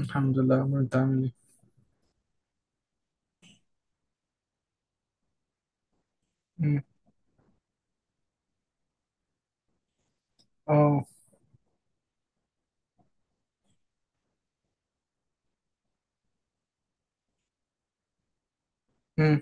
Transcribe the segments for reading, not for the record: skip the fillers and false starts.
الحمد لله يا عمرو، انت عامل ايه؟ مم. اه. مم.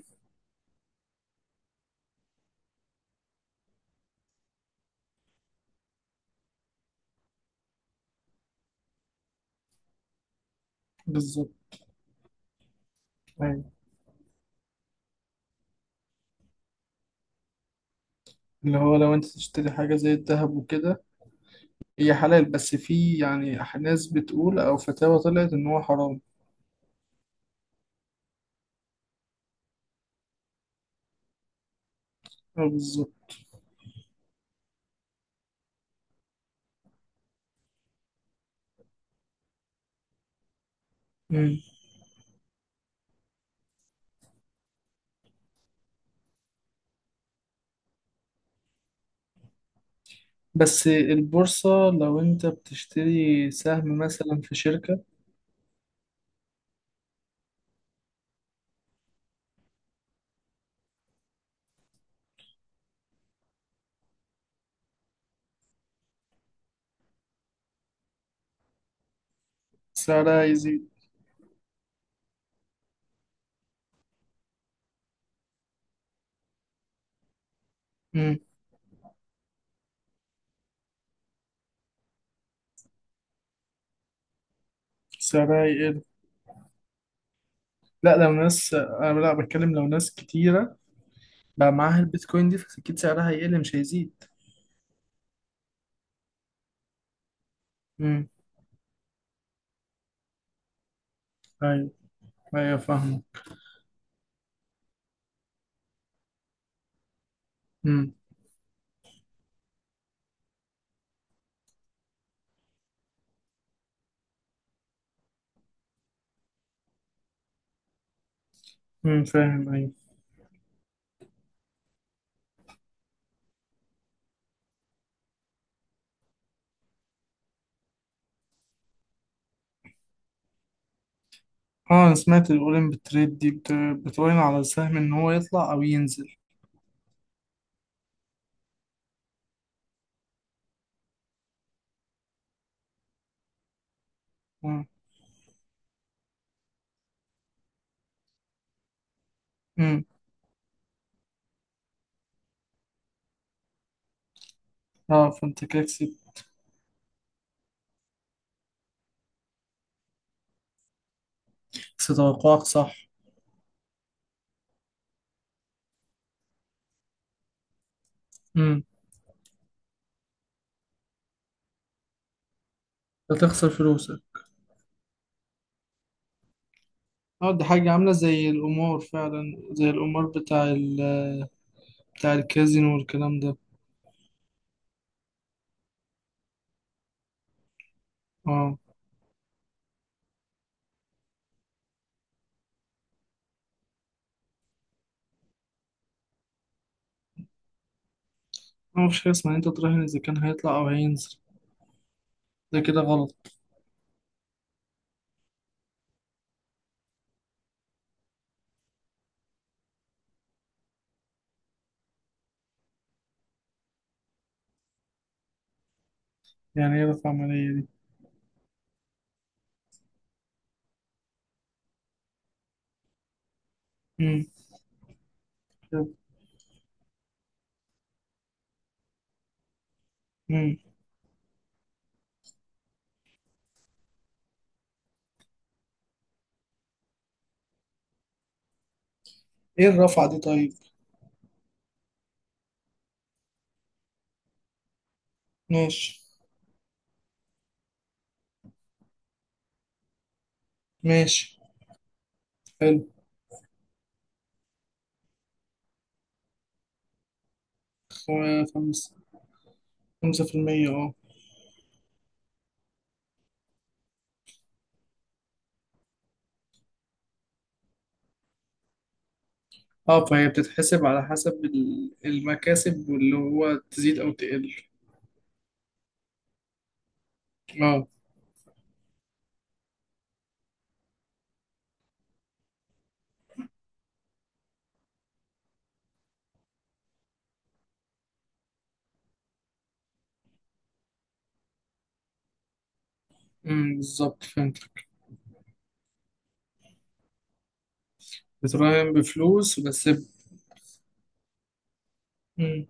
بالظبط. ايوه، اللي هو لو انت تشتري حاجه زي الذهب وكده هي حلال، بس في يعني ناس بتقول او فتاوى طلعت ان هو حرام. اه، بالظبط. مم. بس البورصه لو انت بتشتري سهم مثلا في شركه سعرها يزيد. مم. سعرها يقل. لا، لو ناس انا لا بتكلم لو ناس كتيره بقى معاها البيتكوين دي فاكيد سعرها هيقل، مش هيزيد. مم. ايوه. ايوه، فاهمه. مم. مم. فاهم، ايوه. اه، انا سمعت الاولين بتريد دي بتراهن على السهم ان هو يطلع او ينزل. مم. مم. اه، فانت كده كسبت. كسبت توقعك صح. امم. هتخسر فلوسك. اه، دي حاجة عاملة زي القمار فعلا، زي القمار بتاع الكازينو والكلام ده. اه، ما مفيش حاجة اسمها إن انت تراهن اذا كان هيطلع او هينزل، ده كده غلط. يعني ايه رفع عملية دي؟ امم. امم. ايه الرفعة دي طيب؟ ماشي. ماشي. حلو. خمسة. 5%، اه. اه، فهي بتتحسب على حسب المكاسب واللي هو تزيد او تقل. اه. امم، بالظبط فهمت. بتراهن بفلوس، بس امم.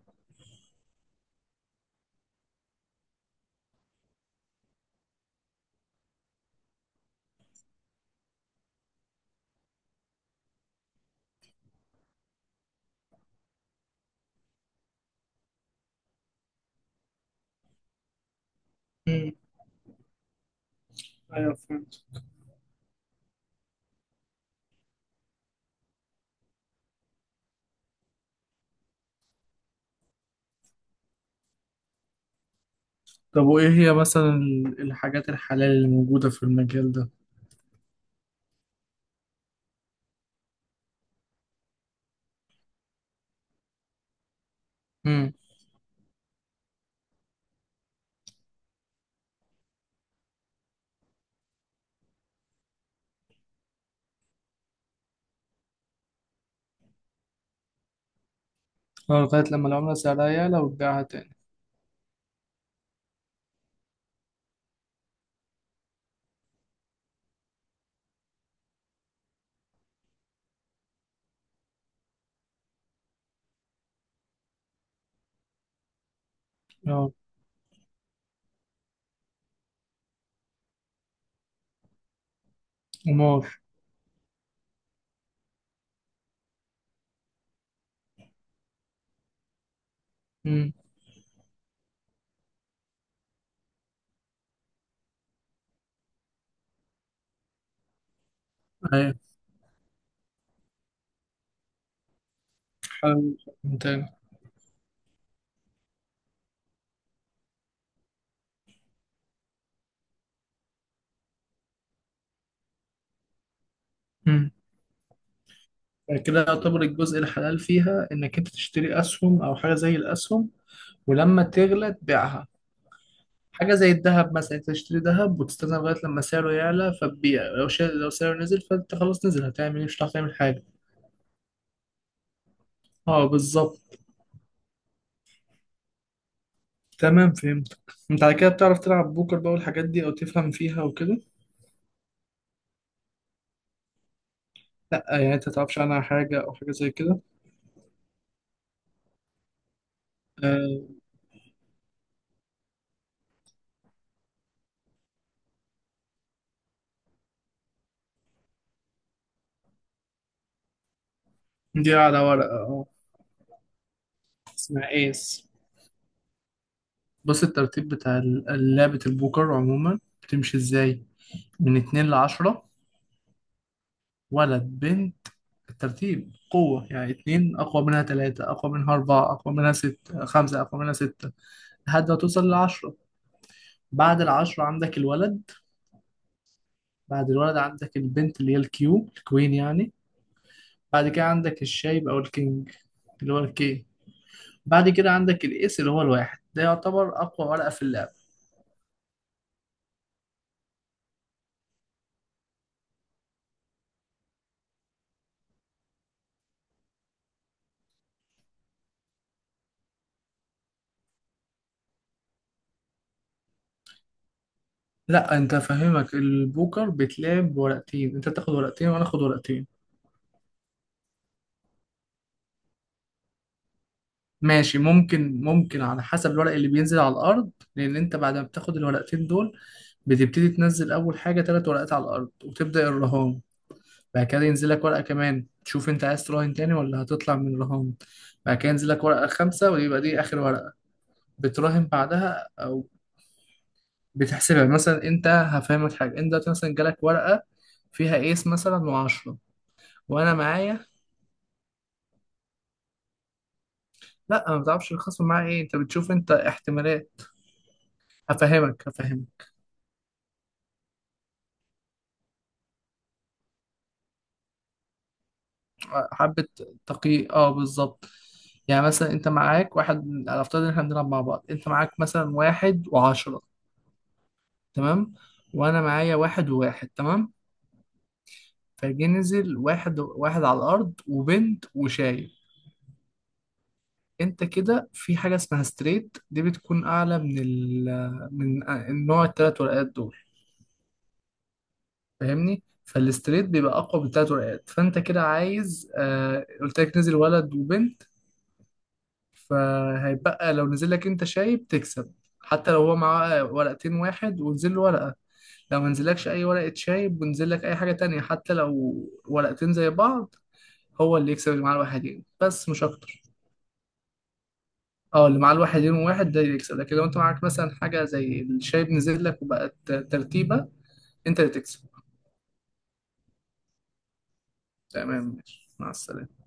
امم. ايوه، فهمت. طب وايه هي مثلا الحاجات الحلال اللي موجودة في المجال ده؟ امم. اه، لغاية لما العملة سعرها يعلى وتبيعها تاني. اه. قمار. امم. ايوه. حلال تاني. امم. كده يعتبر الجزء الحلال فيها انك انت تشتري اسهم او حاجة زي الاسهم ولما تغلى تبيعها، حاجة زي الذهب مثلا. أنت تشتري ذهب وتستنى لغاية لما سعره يعلى فتبيع، لو سعره نزل فأنت خلاص نزل، هتعمل إيه؟ مش هتعرف تعمل حاجة. أه، بالظبط. تمام، فهمت. أنت على كده بتعرف تلعب بوكر بقى والحاجات دي، أو تفهم فيها وكده؟ لأ، يعني أنت متعرفش عنها حاجة أو حاجة زي كده؟ آه. دي على ورقة، أه. اسمها إيس. بص، الترتيب بتاع لعبة البوكر عموما بتمشي إزاي؟ من اتنين لعشرة، ولد، بنت. الترتيب قوة، يعني: اتنين أقوى منها تلاتة، أقوى منها أربعة، أقوى منها خمسة، أقوى منها ستة، لحد ما توصل للعشرة. بعد العشرة عندك الولد. بعد الولد عندك البنت، اللي هي الكيو، الكوين يعني. بعد كده عندك الشايب أو الكينج، اللي هو الكي. بعد كده عندك الإيس، اللي هو الواحد، ده يعتبر أقوى ورقة في اللعبة. لا، أنت فاهمك، البوكر بتلعب بورقتين. أنت تاخد ورقتين وأنا آخد ورقتين. ماشي، ممكن ممكن على حسب الورق اللي بينزل على الأرض، لأن أنت بعد ما بتاخد الورقتين دول بتبتدي تنزل اول حاجه ثلاث ورقات على الارض وتبدا الرهان. بعد كده ينزل لك ورقه كمان، تشوف انت عايز تراهن تاني ولا هتطلع من الرهان. بعد كده ينزل لك ورقه خمسه ويبقى دي اخر ورقه بتراهن بعدها، او بتحسبها. مثلا، انت هفهمك حاجه: انت دلوقتي مثلا جالك ورقه فيها ايس مثلا وعشرة، وانا معايا. لا، ما بتعرفش الخصم معاه ايه، انت بتشوف انت احتمالات. هفهمك هفهمك. حبة تقي، اه بالظبط. يعني مثلا انت معاك واحد، على افترض ان احنا بنلعب مع بعض، انت معاك مثلا واحد وعشرة. تمام. وانا معايا واحد وواحد. تمام. فجي نزل واحد واحد على الارض وبنت وشايب. انت كده في حاجة اسمها ستريت، دي بتكون اعلى من من النوع التلات ورقات دول، فاهمني؟ فالستريت بيبقى اقوى من التلات ورقات. فانت كده عايز، آه قلت لك نزل ولد وبنت، فهيبقى لو نزل لك انت شايب تكسب، حتى لو هو معاه ورقتين واحد ونزل له ورقة، لو منزلكش اي ورقة شايب ونزل لك اي حاجة تانية حتى لو ورقتين زي بعض هو اللي يكسب، اللي معاه الواحدين، بس مش اكتر. اه، اللي معاه الواحدين وواحد ده اللي يكسب، لكن لو انت معاك مثلا حاجة زي الشايب نزل لك وبقت ترتيبة انت اللي تكسب. تمام، ماشي، مع السلامة.